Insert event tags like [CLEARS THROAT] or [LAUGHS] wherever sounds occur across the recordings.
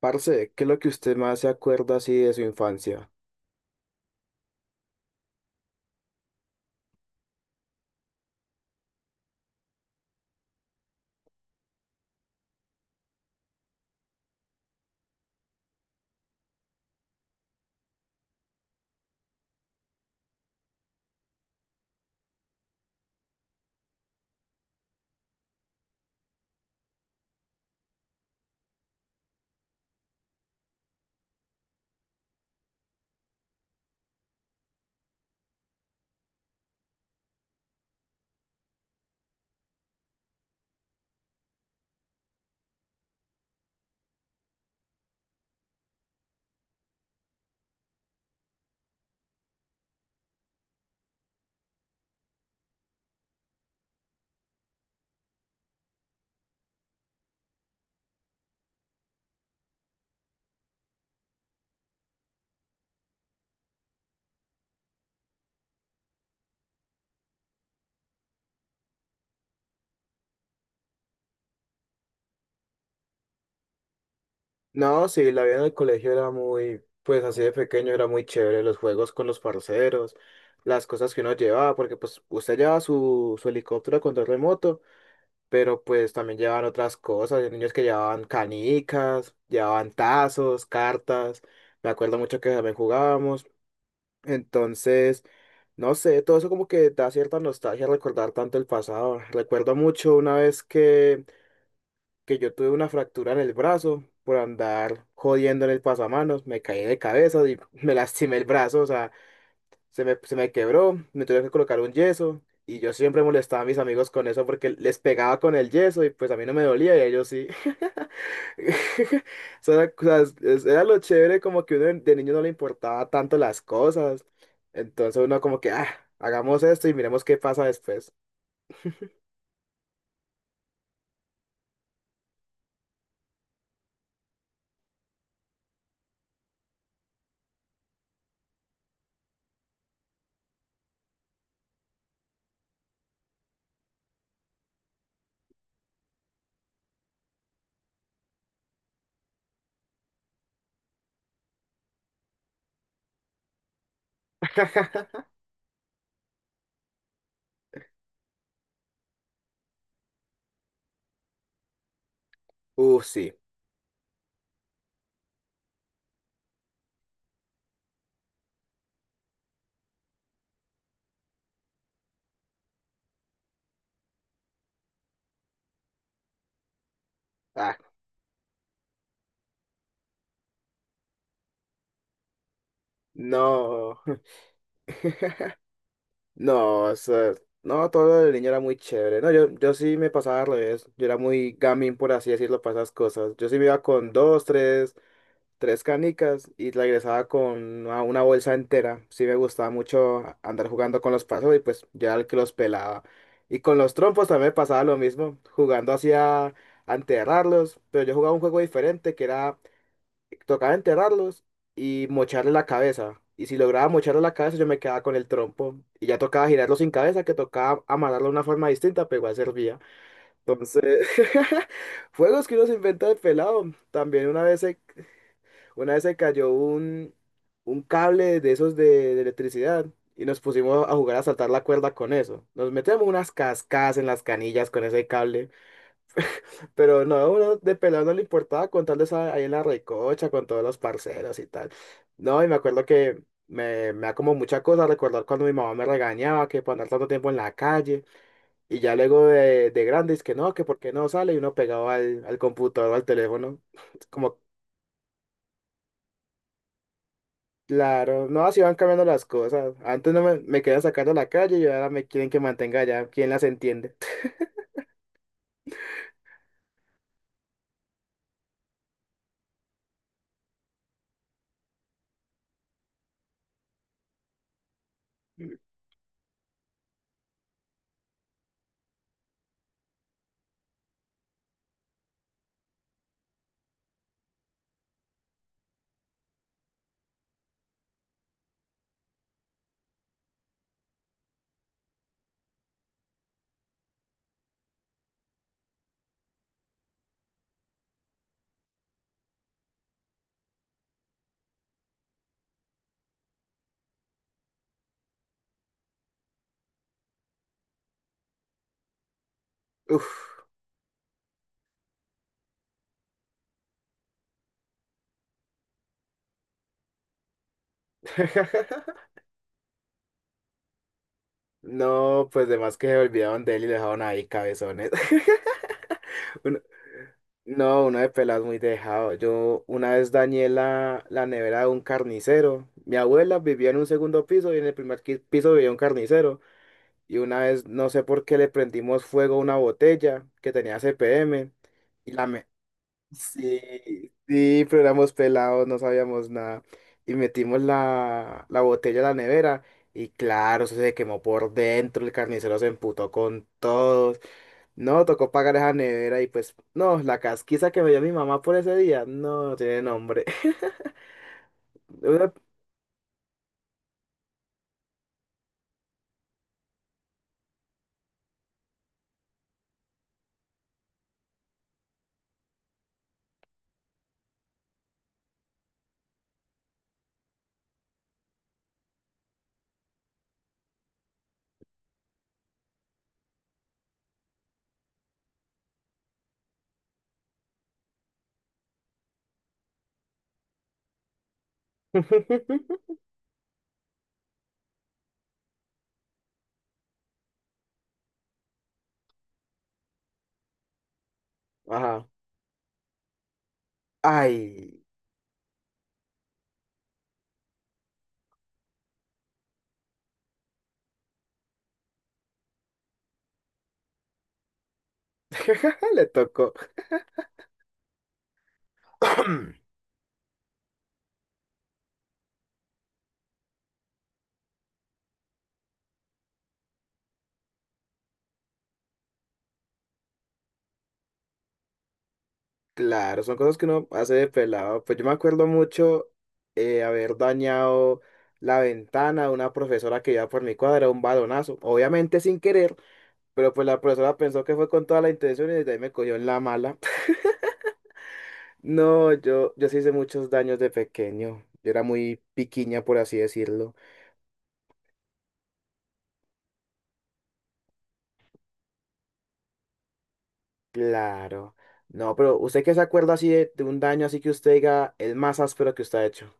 Parce, ¿qué es lo que usted más se acuerda así de su infancia? No, sí, la vida en el colegio era muy, pues así de pequeño era muy chévere, los juegos con los parceros, las cosas que uno llevaba, porque pues usted llevaba su helicóptero con control remoto, pero pues también llevaban otras cosas, hay niños que llevaban canicas, llevaban tazos, cartas, me acuerdo mucho que también jugábamos, entonces, no sé, todo eso como que da cierta nostalgia recordar tanto el pasado, recuerdo mucho una vez que yo tuve una fractura en el brazo por andar jodiendo en el pasamanos, me caí de cabeza y [LAUGHS] me lastimé el brazo, o sea, se me quebró, me tuve que colocar un yeso y yo siempre molestaba a mis amigos con eso porque les pegaba con el yeso y pues a mí no me dolía y a ellos sí. [LAUGHS] Era, o sea, era lo chévere como que uno de niño no le importaba tanto las cosas, entonces uno como que, ah, hagamos esto y miremos qué pasa después. [LAUGHS] Sí. Ah, no. [LAUGHS] No, o sea, no, todo lo de niño era muy chévere. No, yo sí me pasaba al revés. Yo era muy gamín, por así decirlo, para esas cosas. Yo sí me iba con dos, tres, tres canicas y regresaba con una bolsa entera. Sí me gustaba mucho andar jugando con los pasos y pues yo era el que los pelaba. Y con los trompos también me pasaba lo mismo, jugando así a enterrarlos. Pero yo jugaba un juego diferente que era tocaba enterrarlos y mocharle la cabeza. Y si lograba mocharle la cabeza, yo me quedaba con el trompo. Y ya tocaba girarlo sin cabeza, que tocaba amarrarlo de una forma distinta, pero igual servía. Entonces, [LAUGHS] juegos que uno se inventa de pelado. También una vez se, Una vez se cayó un cable de esos de electricidad. Y nos pusimos a jugar a saltar la cuerda con eso. Nos metemos unas cascadas en las canillas con ese cable. Pero no, uno de pelado no le importaba contarles ahí en la recocha con todos los parceros y tal. No, y me acuerdo que me da como mucha cosa recordar cuando mi mamá me regañaba que por andar tanto tiempo en la calle y ya luego de grande es que no, que por qué no sale y uno pegado al computador o al teléfono. [LAUGHS] Como, claro, no, así van cambiando las cosas. Antes no me querían sacar de la calle y ahora me quieren que mantenga allá. ¿Quién las entiende? [LAUGHS] Uf. [LAUGHS] No, pues de más que se olvidaron de él y lo dejaron ahí cabezones. [LAUGHS] Un- No, una de peladas muy dejado. Yo una vez dañé la nevera de un carnicero. Mi abuela vivía en un segundo piso y en el piso vivía un carnicero. Y una vez, no sé por qué, le prendimos fuego a una botella que tenía CPM y la, me- Sí, sí, pero éramos pelados, no sabíamos nada. Y metimos la botella a la nevera y claro, eso se quemó por dentro, el carnicero se emputó con todos. No, tocó pagar esa nevera y pues, no, la casquiza que me dio mi mamá por ese día, no, no tiene nombre. [LAUGHS] Una- [LAUGHS] Ajá. Ay, [LAUGHS] le tocó. [CLEARS THROAT] Claro, son cosas que uno hace de pelado. Pues yo me acuerdo mucho haber dañado la ventana de una profesora que iba por mi cuadra, un balonazo, obviamente sin querer, pero pues la profesora pensó que fue con toda la intención y desde ahí me cogió en la mala. [LAUGHS] No, yo sí hice muchos daños de pequeño. Yo era muy piquiña, por así decirlo. Claro. No, pero ¿usted qué se acuerda así de un daño así que usted diga el más áspero que usted ha hecho?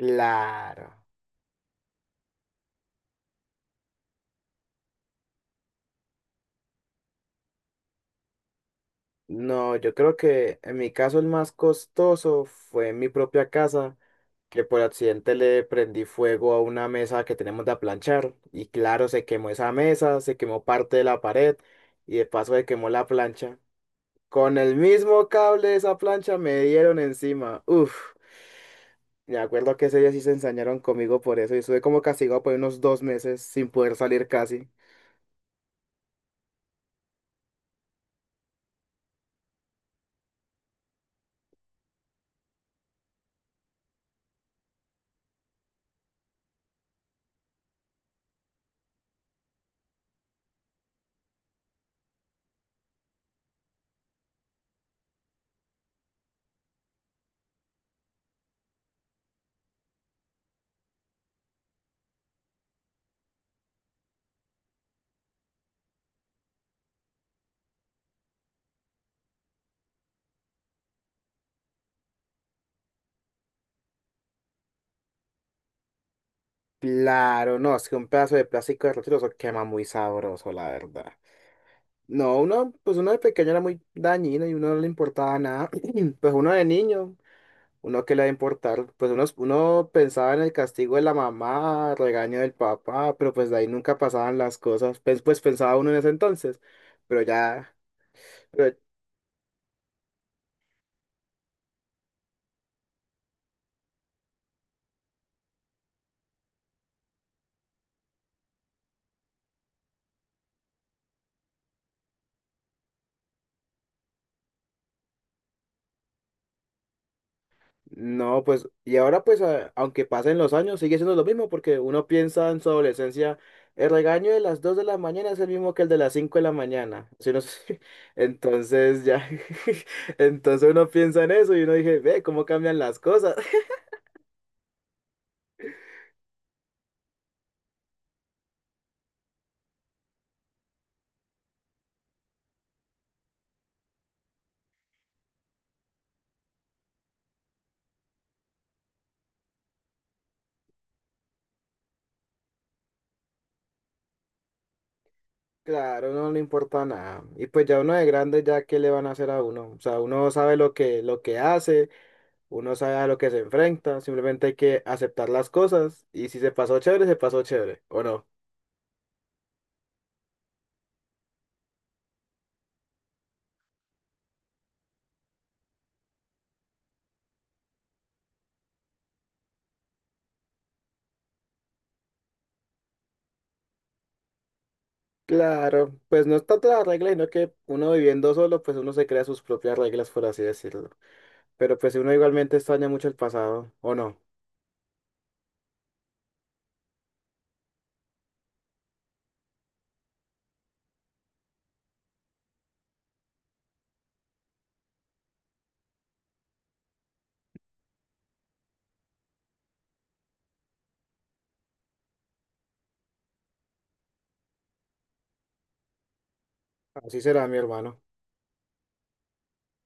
Claro. No, yo creo que en mi caso el más costoso fue en mi propia casa, que por accidente le prendí fuego a una mesa que tenemos de aplanchar y claro, se quemó esa mesa, se quemó parte de la pared y de paso se quemó la plancha. Con el mismo cable de esa plancha me dieron encima. Uf, me acuerdo que ese día sí se ensañaron conmigo por eso y estuve como castigado por unos 2 meses sin poder salir casi. Claro, no, es que un pedazo de plástico de eso quema muy sabroso, la verdad. No, uno, pues uno de pequeño era muy dañino y uno no le importaba nada. [CLEARS THROAT] Pues uno de niño, uno que le va a importar, pues uno, uno pensaba en el castigo de la mamá, regaño del papá, pero pues de ahí nunca pasaban las cosas. Pues, pues pensaba uno en ese entonces, pero ya, no, pues, y ahora pues, aunque pasen los años, sigue siendo lo mismo, porque uno piensa en su adolescencia, el regaño de las 2 de la mañana es el mismo que el de las 5 de la mañana. Si uno se- [LAUGHS] entonces ya, [LAUGHS] entonces uno piensa en eso y uno dice, ve, cómo cambian las cosas. [LAUGHS] Claro, no le importa nada. Y pues ya uno de grande, ya qué le van a hacer a uno. O sea, uno sabe lo que hace, uno sabe a lo que se enfrenta, simplemente hay que aceptar las cosas y si se pasó chévere, se pasó chévere, ¿o no? Claro, pues no es tanto la regla, sino que uno viviendo solo, pues uno se crea sus propias reglas, por así decirlo. Pero pues si uno igualmente extraña mucho el pasado, ¿o no? Así será, mi hermano.